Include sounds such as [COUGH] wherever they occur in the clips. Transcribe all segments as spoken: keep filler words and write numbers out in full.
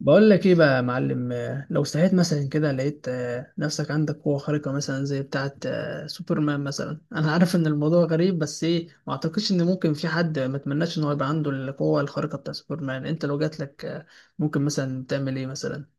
بقول لك ايه بقى يا معلم، آه، لو صحيت مثلا كده لقيت آه، نفسك عندك قوة خارقة مثلا زي بتاعة آه، سوبرمان مثلا. [LAUGHS] انا عارف ان الموضوع غريب، بس ايه، ما اعتقدش ان ممكن في حد ما اتمناش ان هو يبقى عنده القوة الخارقة بتاع سوبرمان. انت لو جات لك آه، ممكن مثلا تعمل ايه مثلا؟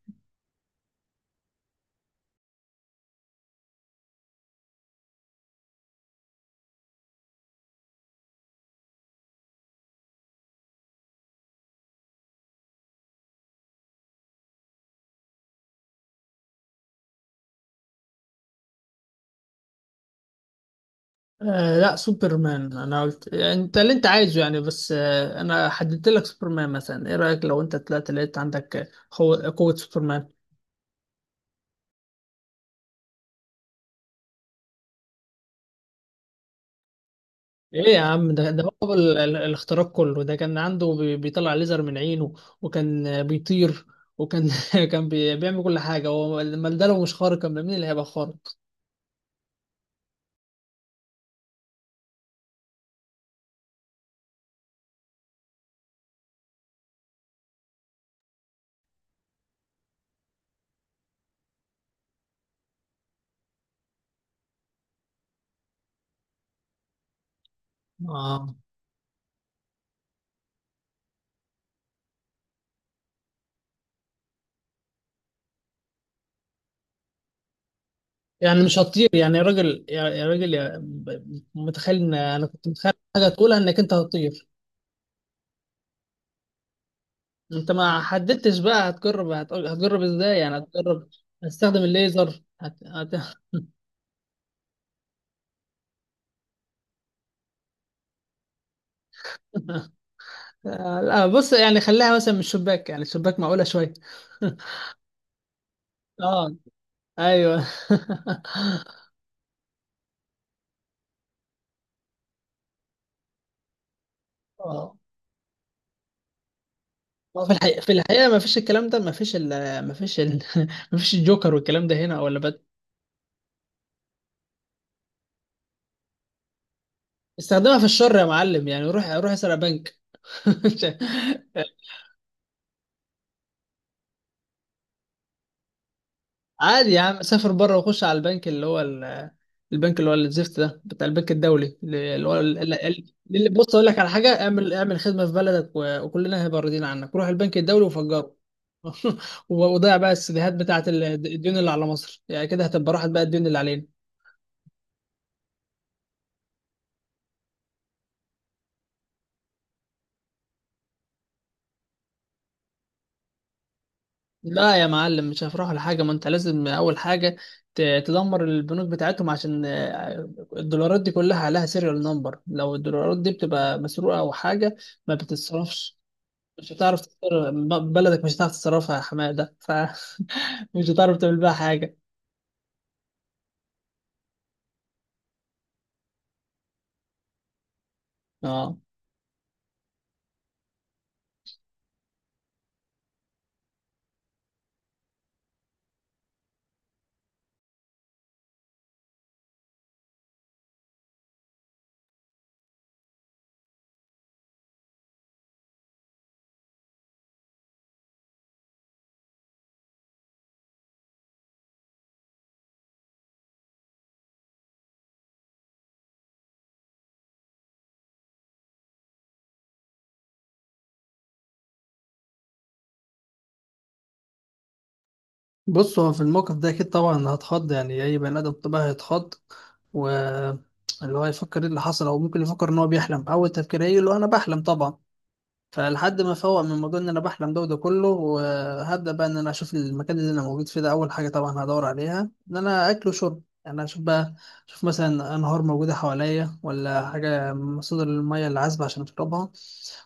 آه لا، سوبرمان. انا قلت يعني انت اللي انت عايزه يعني، بس آه انا حددت لك سوبرمان مثلا. ايه رأيك لو انت طلعت لقيت عندك آه، قوة قوة سوبرمان؟ ايه يا عم، ده ده هو ال- ال- الاختراق كله ده كان عنده. بي- بيطلع ليزر من عينه، وكان بيطير، وكان [LAUGHS] كان بي- بيعمل كل حاجه. هو امال ده لو مش خارق، امال مين اللي هيبقى خارق؟ اه، يعني مش هتطير يعني يا راجل؟ يا يا راجل، يا ب- متخيل ان انا كنت متخيل حاجه تقولها انك انت هتطير. انت ما حددتش بقى، هتجرب هت- هتجرب ازاي؟ يعني هتجرب. هتستخدم الليزر هت... هت... [LAUGHS] لا بص، يعني خليها مثلا من الشباك، يعني الشباك معقوله شويه. [LAUGHS] اه. ايوه. [LAUGHS] اه. ما في الحقيقة، في الحقيقة ما فيش الكلام ده، ما فيش ال ما فيش ال [LAUGHS] ما فيش الجوكر والكلام ده هنا ولا بد. استخدمها في الشر يا معلم، يعني روح روح اسرق بنك. [LAUGHS] عادي يا عم، سافر بره وخش على البنك اللي هو ال- البنك اللي هو الزفت ده بتاع البنك الدولي، اللي هو ال- ال- ال- اللي... بص اقول لك على حاجة، اعمل اعمل خدمة في بلدك، و- وكلنا هيبقى راضيين عنك. روح البنك الدولي وفجره. [LAUGHS] وضيع بقى السيديهات بتاعت ال- الديون اللي على مصر، يعني كده هتبقى راحت بقى الديون اللي علينا. لا يا معلم، مش هيفرحوا لحاجة. ما انت لازم اول حاجة ت- تدمر البنوك بتاعتهم، عشان آه، الدولارات دي كلها عليها سيريال نمبر. لو الدولارات دي بتبقى مسروقة او حاجة ما بتتصرفش. مش هتعرف تصرف ب- بلدك، مش هتعرف تصرفها يا حمادة. [LAUGHS] فمش هتعرف تعمل بيها حاجة. اه بص، هو في الموقف ده اكيد طبعا هتخض، يعني اي بني ادم طبيعي هيتخض، و... اللي هو يفكر ايه اللي حصل، او ممكن يفكر ان هو بيحلم. اول تفكير هيجي اللي هو انا بحلم طبعا. فلحد ما فوق من موضوع ان انا بحلم ده وده كله، وهبدا بقى ان انا اشوف المكان اللي انا موجود فيه ده. اول حاجه طبعا هدور عليها ان انا اكل وشرب، يعني اشوف بقى. اشوف مثلا انهار موجوده حواليا ولا حاجه، مصادر الميه اللي عذبه عشان اشربها.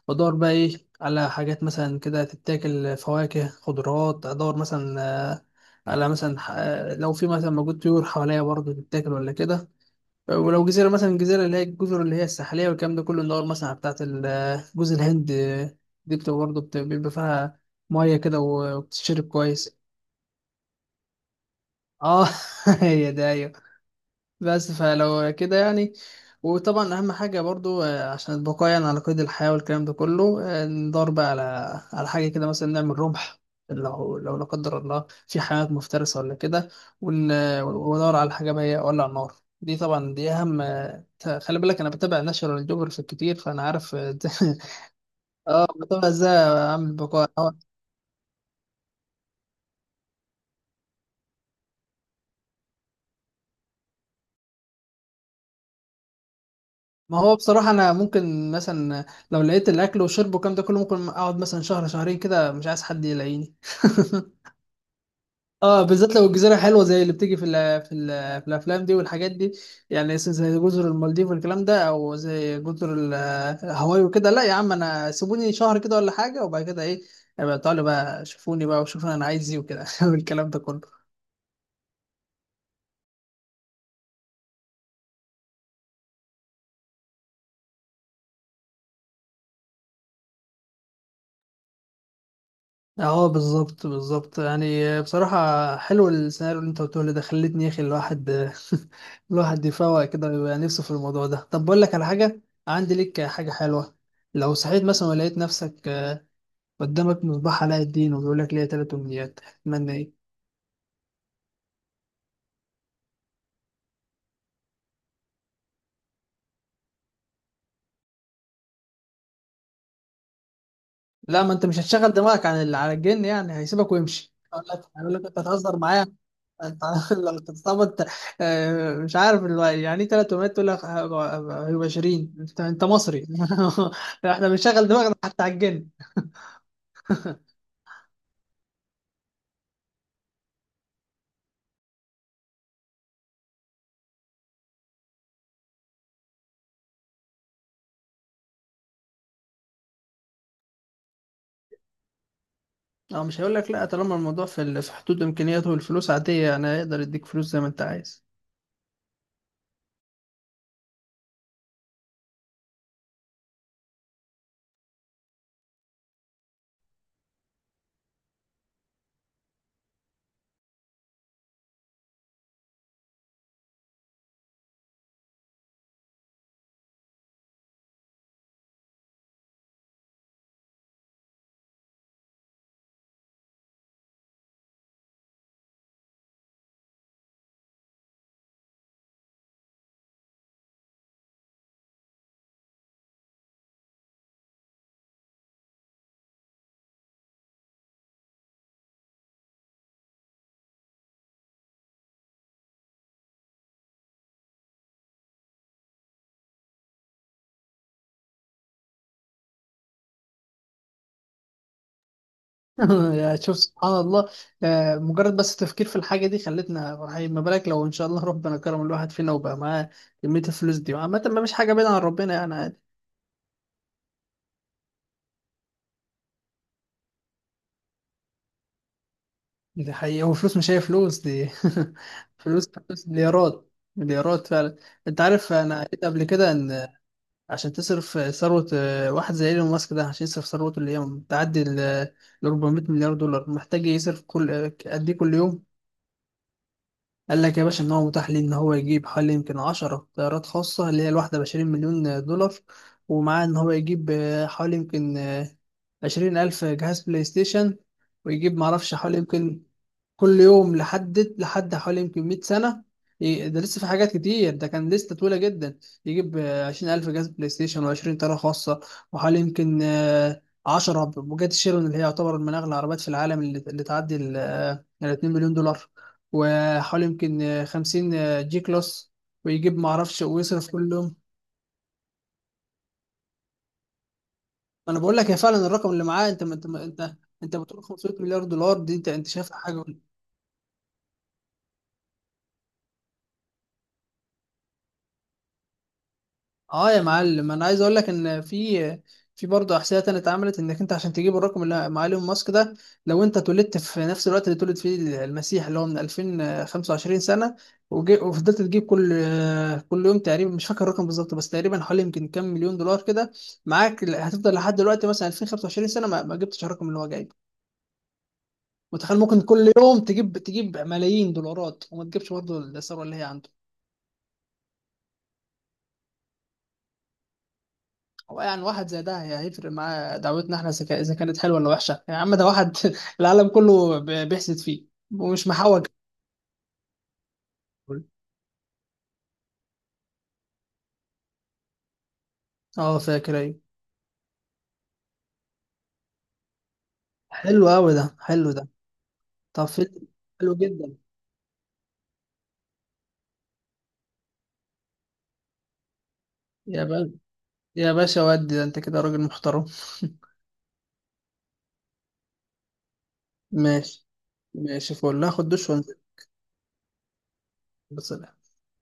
وادور بقى ايه على حاجات مثلا كده تتاكل، فواكه خضروات، ادور مثلا آه، على مثلا ح- آه، لو في مثلا موجود طيور حواليا برضه تتاكل ولا كده. ولو جزيرة مثلا، الجزيرة اللي هي الجزر اللي هي الساحلية والكلام ده كله، اللي هو المصنع بتاعت ال- آه، جوز الهند، دي بتبقى برضه بت- بيبقى فيها مية كده وبتشرب كويس. اه. [LAUGHS] هي ده، ايوه. بس فلو كده يعني، وطبعا اهم حاجه برضو آه، عشان البقاء يعني على قيد الحياه والكلام ده كله، آه، ندور بقى على على حاجه كده مثلا نعمل رمح، لو لو لا قدر الله في حيوانات مفترسه ولا كده. ون- وندور على حاجه بقى إيه، اولع نار. دي طبعا دي اهم آه، ت- خلي بالك انا بتابع ناشونال جيوغرافيك كتير، فانا عارف آه، [LAUGHS] إزاي- اه بتابع ازاي اعمل بقاء آه، ما هو بصراحه انا ممكن مثلا لو لقيت الاكل والشرب والكلام ده كله، ممكن اقعد مثلا شهر شهرين كده مش عايز حد يلاقيني. [LAUGHS] اه، بالذات لو الجزيره حلوه زي اللي بتيجي في ال في ال في الافلام دي والحاجات دي، يعني زي جزر المالديف والكلام ده، او زي جزر ال- هاواي وكده. لا يا عم انا سيبوني شهر كده ولا حاجه، وبعد كده ايه، ابقى تعالوا بقى شوفوني بقى، وشوفوا انا عايز ايه وكده. [LAUGHS] والكلام ده كله. اه، بالظبط بالظبط يعني، بصراحه حلو السيناريو اللي انت قلته لي ده، خلتني يا اخي الواحد [LAUGHS] الواحد يفوق كده ويبقى نفسه في الموضوع ده. طب بقول لك على حاجه. عندي ليك حاجه حلوه. لو صحيت مثلا ولقيت نفسك قدامك مصباح علاء الدين وبيقول لك ليه تلات أمنيات، هتتمنى إيه؟ لا، ما أنت مش هتشغل دماغك عن اللي على الجن، يعني هيسيبك ويمشي. هيقول لك هيقول لك أنت هتهزر معايا؟ أنت [LAUGHS] لو بتتصاب أنت، آه، مش عارف اللي يعني إيه، تلات أمنيات تقول لك هيبقى هيبقى عشرين؟ أنت أنت مصري. [LAUGHS] إحنا بنشغل دماغنا حتى على الجن. أو مش هيقول لك لا طالما الموضوع في ال- في حدود إمكانياته، والفلوس عادية أنا أقدر أديك فلوس زي ما أنت عايز. [LAUGHS] يا شوف سبحان الله. آه، مجرد بس التفكير في الحاجة دي خلتنا فرحين، ما بالك لو إن شاء الله ربنا كرم الواحد فينا وبقى معاه كمية الفلوس دي. عامة ما مش حاجة بعيدة عن ربنا، يعني عادي. دي حقيقة، والفلوس مش هي فلوس دي. [LAUGHS] فلوس فلوس، مليارات مليارات فعلا. أنت عارف أنا قريت قبل كده إن عشان تصرف ثروة آه، واحد زي إيلون ماسك ده، عشان يصرف ثروته اللي هي بتعدي ال ال أربعمائة مليار دولار مليار دولار، محتاج يصرف كل قد إيه كل يوم؟ قال لك يا باشا ان هو متاح ليه ان هو يجيب حوالي يمكن عشر طيارات خاصه، اللي هي الواحده ب عشرين مليون دولار، ومعاه ان هو يجيب آه، حوالي يمكن آه، عشرين ألف جهاز بلاي ستيشن، ويجيب معرفش حوالي يمكن، كل يوم لحد لحد حوالي يمكن مئة سنة. ي- ده لسه في حاجات كتير، ده كان لسه طويلة جدا. يجيب عشرين ألف جهاز بلاي ستيشن، وعشرين طيارة خاصة، وحوالي يمكن آه، عشرة بوجات شيرون اللي هي يعتبر من أغلى العربيات في العالم، اللي, اللي تعدي ال آه، الاتنين مليون دولار، وحوالي يمكن آه، خمسين آه، جي كلاس، ويجيب معرفش، ويصرف كل يوم. أنا بقول لك يا فعلا الرقم اللي معاه، أنت ما- أنت ما- أنت أنت بتقول خمسمية مليار دولار؟ دي أنت أنت شايف حاجة؟ اه يا معلم، انا عايز اقول لك ان في في برضه احصائيه تانية اتعملت، انك انت عشان تجيب الرقم اللي مع ايلون ماسك ده، لو انت اتولدت في نفس الوقت اللي اتولد فيه المسيح، اللي هو من ألفين وخمسة وعشرين سنه، وجي- وفضلت تجيب كل كل يوم تقريبا، مش فاكر الرقم بالظبط بس تقريبا حوالي يمكن كام مليون دولار كده معاك، ل- هتفضل لحد دلوقتي مثلا ألفين وخمسة وعشرين سنه ما, ما جبتش الرقم اللي هو جايبه. متخيل ممكن كل يوم تجيب تجيب ملايين دولارات وما تجيبش برضه الثروه اللي هي عنده. هو يعني واحد زي ده هي- هيفرق معاه دعوتنا احنا سكا- اذا كانت حلوه ولا وحشه؟ يعني يا عم ده واحد [LAUGHS] العالم كله ب- بيحسد فيه ومش محوج. اه فاكر، ايوه. حلو قوي ده، حلو ده. طب فيلم. حلو جدا يا باشا. يا باشا ودي ده انت كده راجل محترم. [LAUGHS] ماشي. ماشي فول، هاخد دش وانزل. بس